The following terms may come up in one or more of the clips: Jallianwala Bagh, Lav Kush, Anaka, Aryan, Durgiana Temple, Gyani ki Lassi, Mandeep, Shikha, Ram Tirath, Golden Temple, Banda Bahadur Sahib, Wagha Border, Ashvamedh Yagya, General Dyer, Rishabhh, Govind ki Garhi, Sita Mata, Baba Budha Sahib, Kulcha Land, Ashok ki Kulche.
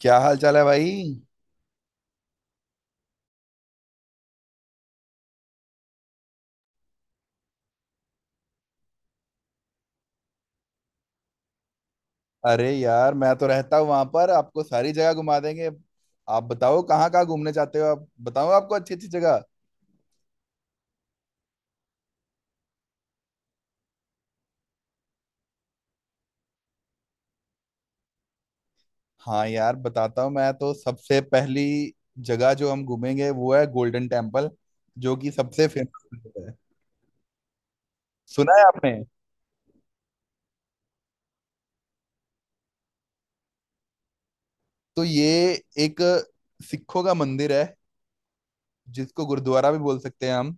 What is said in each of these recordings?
क्या हाल चाल है भाई। अरे यार मैं तो रहता हूँ वहां पर, आपको सारी जगह घुमा देंगे। आप बताओ कहाँ कहाँ घूमने चाहते हो, आप बताओ, आपको अच्छी अच्छी जगह। हाँ यार बताता हूँ। मैं तो सबसे पहली जगह जो हम घूमेंगे वो है गोल्डन टेम्पल, जो कि सबसे फेमस है। सुना है आपने। तो ये एक सिखों का मंदिर है, जिसको गुरुद्वारा भी बोल सकते हैं हम।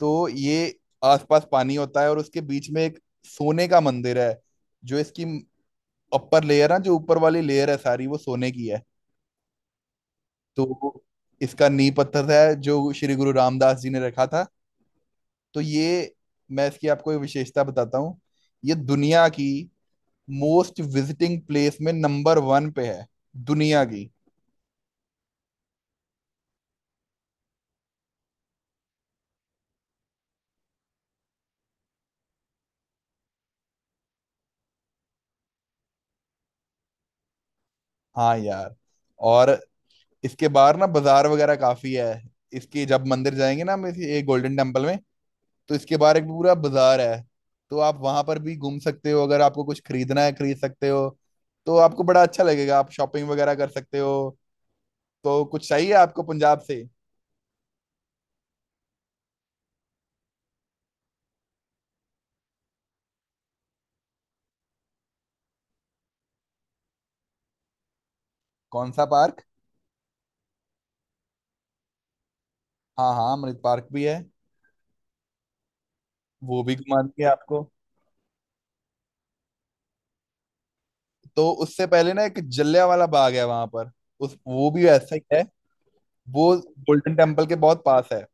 तो ये आसपास पानी होता है और उसके बीच में एक सोने का मंदिर है। जो इसकी अपर लेयर ना, जो ऊपर वाली लेयर है सारी, वो सोने की है। तो इसका नींव पत्थर है जो श्री गुरु रामदास जी ने रखा था। तो ये, मैं इसकी आपको एक विशेषता बताता हूँ। ये दुनिया की मोस्ट विजिटिंग प्लेस में नंबर वन पे है, दुनिया की। हाँ यार। और इसके बाहर ना बाजार वगैरह काफी है। इसकी जब मंदिर जाएंगे ना हम इस ये गोल्डन टेम्पल में, तो इसके बारे में पूरा बाजार है। तो आप वहां पर भी घूम सकते हो, अगर आपको कुछ खरीदना है खरीद सकते हो। तो आपको बड़ा अच्छा लगेगा, आप शॉपिंग वगैरह कर सकते हो। तो कुछ चाहिए आपको पंजाब से? कौन सा पार्क? हाँ हाँ, अमृत पार्क भी है, वो भी घुमा देंगे आपको। तो उससे पहले ना एक जलिया वाला बाग है वहां पर। उस, वो भी ऐसा ही है। वो गोल्डन टेम्पल के बहुत पास है।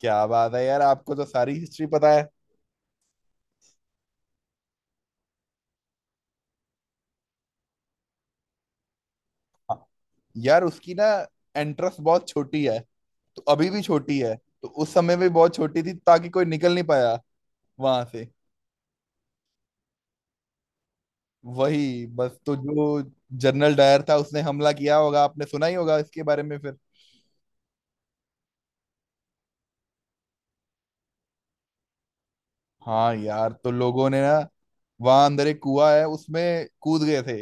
क्या बात है यार, आपको तो सारी हिस्ट्री पता है। हाँ यार, उसकी ना एंट्रेंस बहुत छोटी है, तो अभी भी छोटी है। तो उस समय भी बहुत छोटी थी ताकि कोई निकल नहीं पाया वहां से। वही बस। तो जो जनरल डायर था उसने हमला किया होगा, आपने सुना ही होगा इसके बारे में फिर। हाँ यार, तो लोगों ने ना वहां अंदर एक कुआ है, उसमें कूद गए थे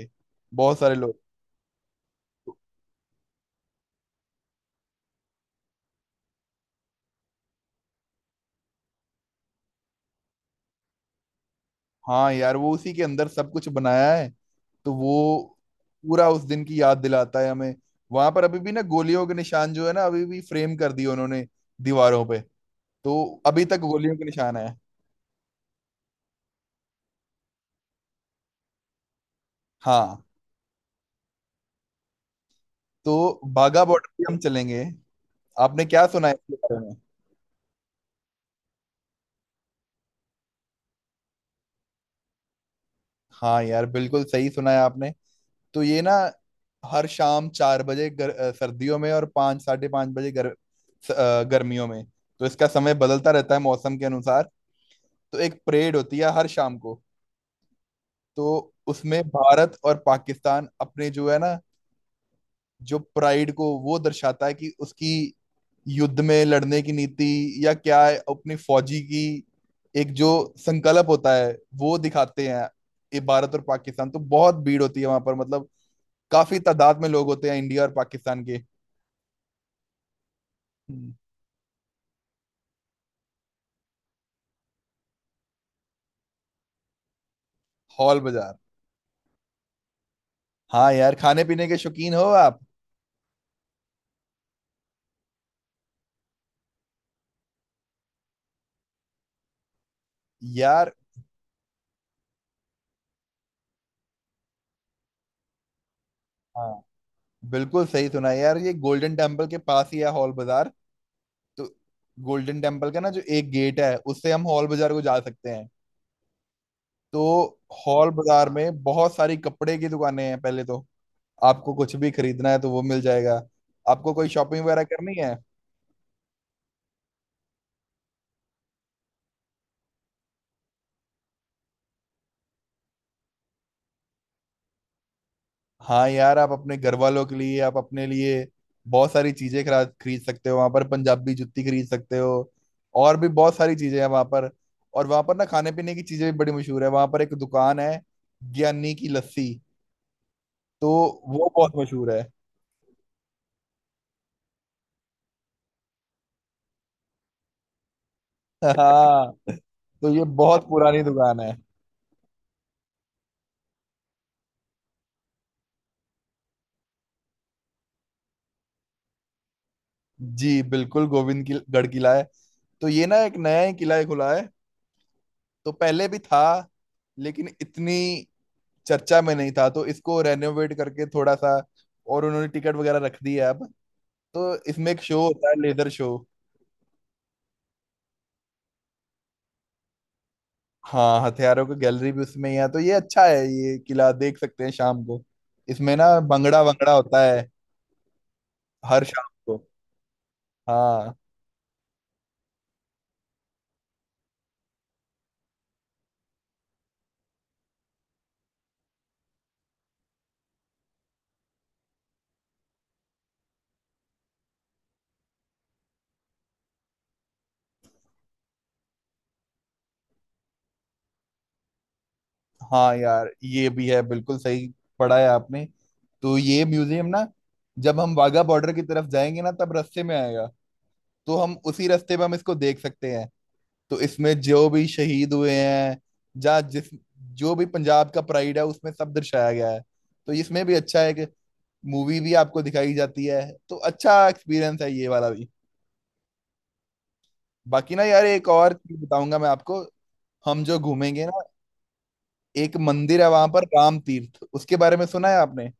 बहुत सारे लोग। हाँ यार, वो उसी के अंदर सब कुछ बनाया है। तो वो पूरा उस दिन की याद दिलाता है हमें। वहां पर अभी भी ना गोलियों के निशान जो है ना, अभी भी फ्रेम कर दिए उन्होंने दीवारों पे। तो अभी तक गोलियों के निशान है। हाँ। तो बाघा बॉर्डर भी हम चलेंगे। आपने क्या सुना है इसके बारे में? हाँ यार, बिल्कुल सही सुना है आपने। तो ये ना हर शाम चार बजे सर्दियों में, और पाँच साढ़े पाँच बजे गर्मियों में। तो इसका समय बदलता रहता है मौसम के अनुसार। तो एक परेड होती है हर शाम को। तो उसमें भारत और पाकिस्तान अपने, जो है ना, जो प्राइड को वो दर्शाता है, कि उसकी युद्ध में लड़ने की नीति या क्या है, अपनी फौजी की एक जो संकल्प होता है वो दिखाते हैं। ये भारत और पाकिस्तान, तो बहुत भीड़ होती है वहां पर, मतलब काफी तादाद में लोग होते हैं इंडिया और पाकिस्तान के। हॉल बाजार, हाँ यार, खाने पीने के शौकीन हो आप। यार हाँ, बिल्कुल सही सुना है यार, ये गोल्डन टेम्पल के पास ही है हॉल बाजार। तो गोल्डन टेम्पल का ना जो एक गेट है, उससे हम हॉल बाजार को जा सकते हैं। तो हॉल बाजार में बहुत सारी कपड़े की दुकानें हैं पहले तो। आपको कुछ भी खरीदना है तो वो मिल जाएगा। आपको कोई शॉपिंग वगैरह करनी है। हाँ यार, आप अपने घर वालों के लिए, आप अपने लिए बहुत सारी चीजें खरा खरीद सकते हो वहां पर, पंजाबी जुत्ती खरीद सकते हो, और भी बहुत सारी चीजें हैं वहां पर। और वहां पर ना खाने पीने की चीजें भी बड़ी मशहूर है, वहां पर एक दुकान है ज्ञानी की लस्सी, तो वो बहुत मशहूर है। हाँ। तो ये बहुत पुरानी दुकान है। जी बिल्कुल, गोविंद की गढ़ किला है। तो ये ना एक नया ही किला ही खुला है, तो पहले भी था, लेकिन इतनी चर्चा में नहीं था, तो इसको रेनोवेट करके थोड़ा सा और उन्होंने टिकट वगैरह रख दी है अब। तो इसमें एक शो होता है, लेजर शो। हाँ, हथियारों की गैलरी भी उसमें ही है, तो ये अच्छा है, ये किला देख सकते हैं शाम को। इसमें ना भंगड़ा वंगड़ा होता है हर शाम को। हाँ हाँ यार, ये भी है बिल्कुल सही, पढ़ा है आपने। तो ये म्यूजियम ना, जब हम वाघा बॉर्डर की तरफ जाएंगे ना, तब रास्ते में आएगा। तो हम उसी रास्ते में हम इसको देख सकते हैं। तो इसमें जो भी शहीद हुए हैं, जहाँ जिस, जो भी पंजाब का प्राइड है उसमें सब दर्शाया गया है। तो इसमें भी अच्छा है कि मूवी भी आपको दिखाई जाती है। तो अच्छा एक्सपीरियंस है ये वाला भी। बाकी ना यार एक और चीज बताऊंगा मैं आपको, हम जो घूमेंगे ना, एक मंदिर है वहां पर, राम तीर्थ, उसके बारे में सुना है आपने?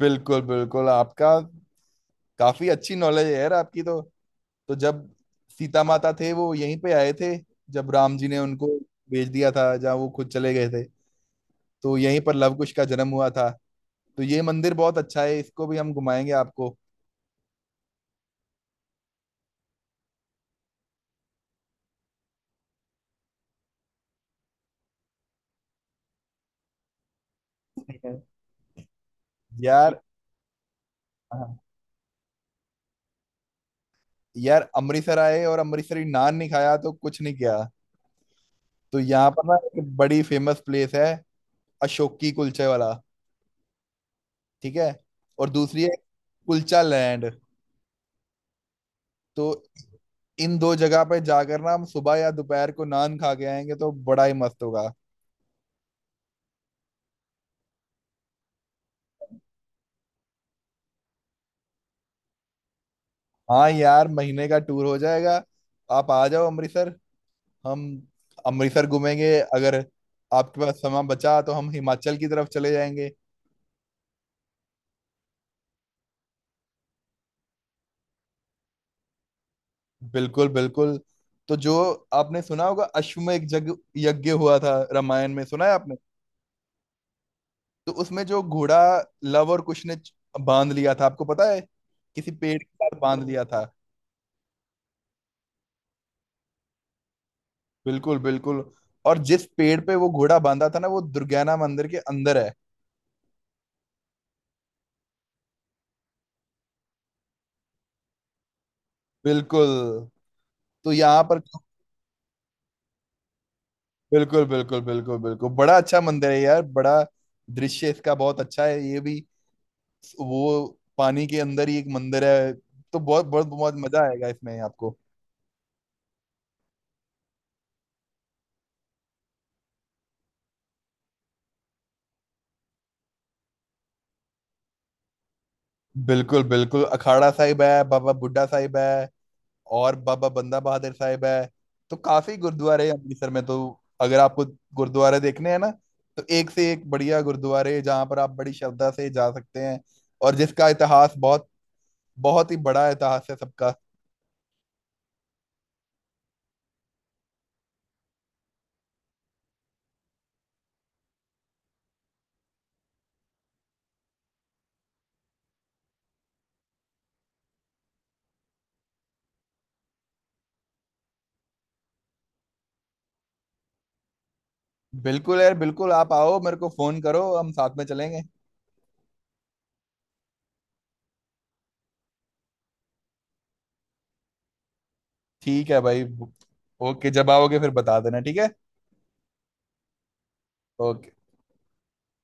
बिल्कुल बिल्कुल। आपका, काफी अच्छी नॉलेज है यार आपकी तो। तो जब सीता माता थे, वो यहीं पे आए थे, जब राम जी ने उनको भेज दिया था, जहाँ वो खुद चले गए थे, तो यहीं पर लवकुश का जन्म हुआ था। तो ये मंदिर बहुत अच्छा है, इसको भी हम घुमाएंगे आपको। बिल्कुल यार। हाँ। यार अमृतसर आए और अमृतसरी नान नहीं खाया तो कुछ नहीं किया। तो यहाँ पर ना एक बड़ी फेमस प्लेस है, अशोक की कुलचे वाला, ठीक है? और दूसरी है, कुलचा लैंड। तो इन दो जगह पे जाकर ना हम सुबह या दोपहर को नान खा के आएंगे तो बड़ा ही मस्त होगा। हाँ यार, महीने का टूर हो जाएगा, आप आ जाओ अमृतसर, हम अमृतसर घूमेंगे, अगर आपके पास समय बचा तो हम हिमाचल की तरफ चले जाएंगे। बिल्कुल बिल्कुल। तो जो आपने सुना होगा, अश्वमेध यज्ञ, हुआ था रामायण में, सुना है आपने? तो उसमें जो घोड़ा लव और कुश ने बांध लिया था, आपको पता है, किसी पेड़ के साथ बांध लिया था। बिल्कुल बिल्कुल। और जिस पेड़ पे वो घोड़ा बांधा था ना, वो दुर्गाना मंदिर के अंदर है। बिल्कुल। तो यहाँ पर, बिल्कुल बिल्कुल बिल्कुल बिल्कुल, बड़ा अच्छा मंदिर है यार, बड़ा। दृश्य इसका बहुत अच्छा है ये भी। वो पानी के अंदर ही एक मंदिर है। तो बहुत बहुत बहुत मजा आएगा इसमें आपको। बिल्कुल बिल्कुल, अखाड़ा साहिब है, बाबा बुड्ढा साहिब है, और बाबा बंदा बहादुर साहिब है। तो काफी गुरुद्वारे हैं अमृतसर में, तो अगर आपको गुरुद्वारे देखने हैं ना, तो एक से एक बढ़िया गुरुद्वारे, जहाँ पर आप बड़ी श्रद्धा से जा सकते हैं, और जिसका इतिहास बहुत, बहुत ही बड़ा इतिहास है सबका। बिल्कुल यार बिल्कुल, आप आओ, मेरे को फोन करो, हम साथ में चलेंगे। ठीक है भाई। ओके, जब आओगे फिर बता देना, ठीक है? ओके।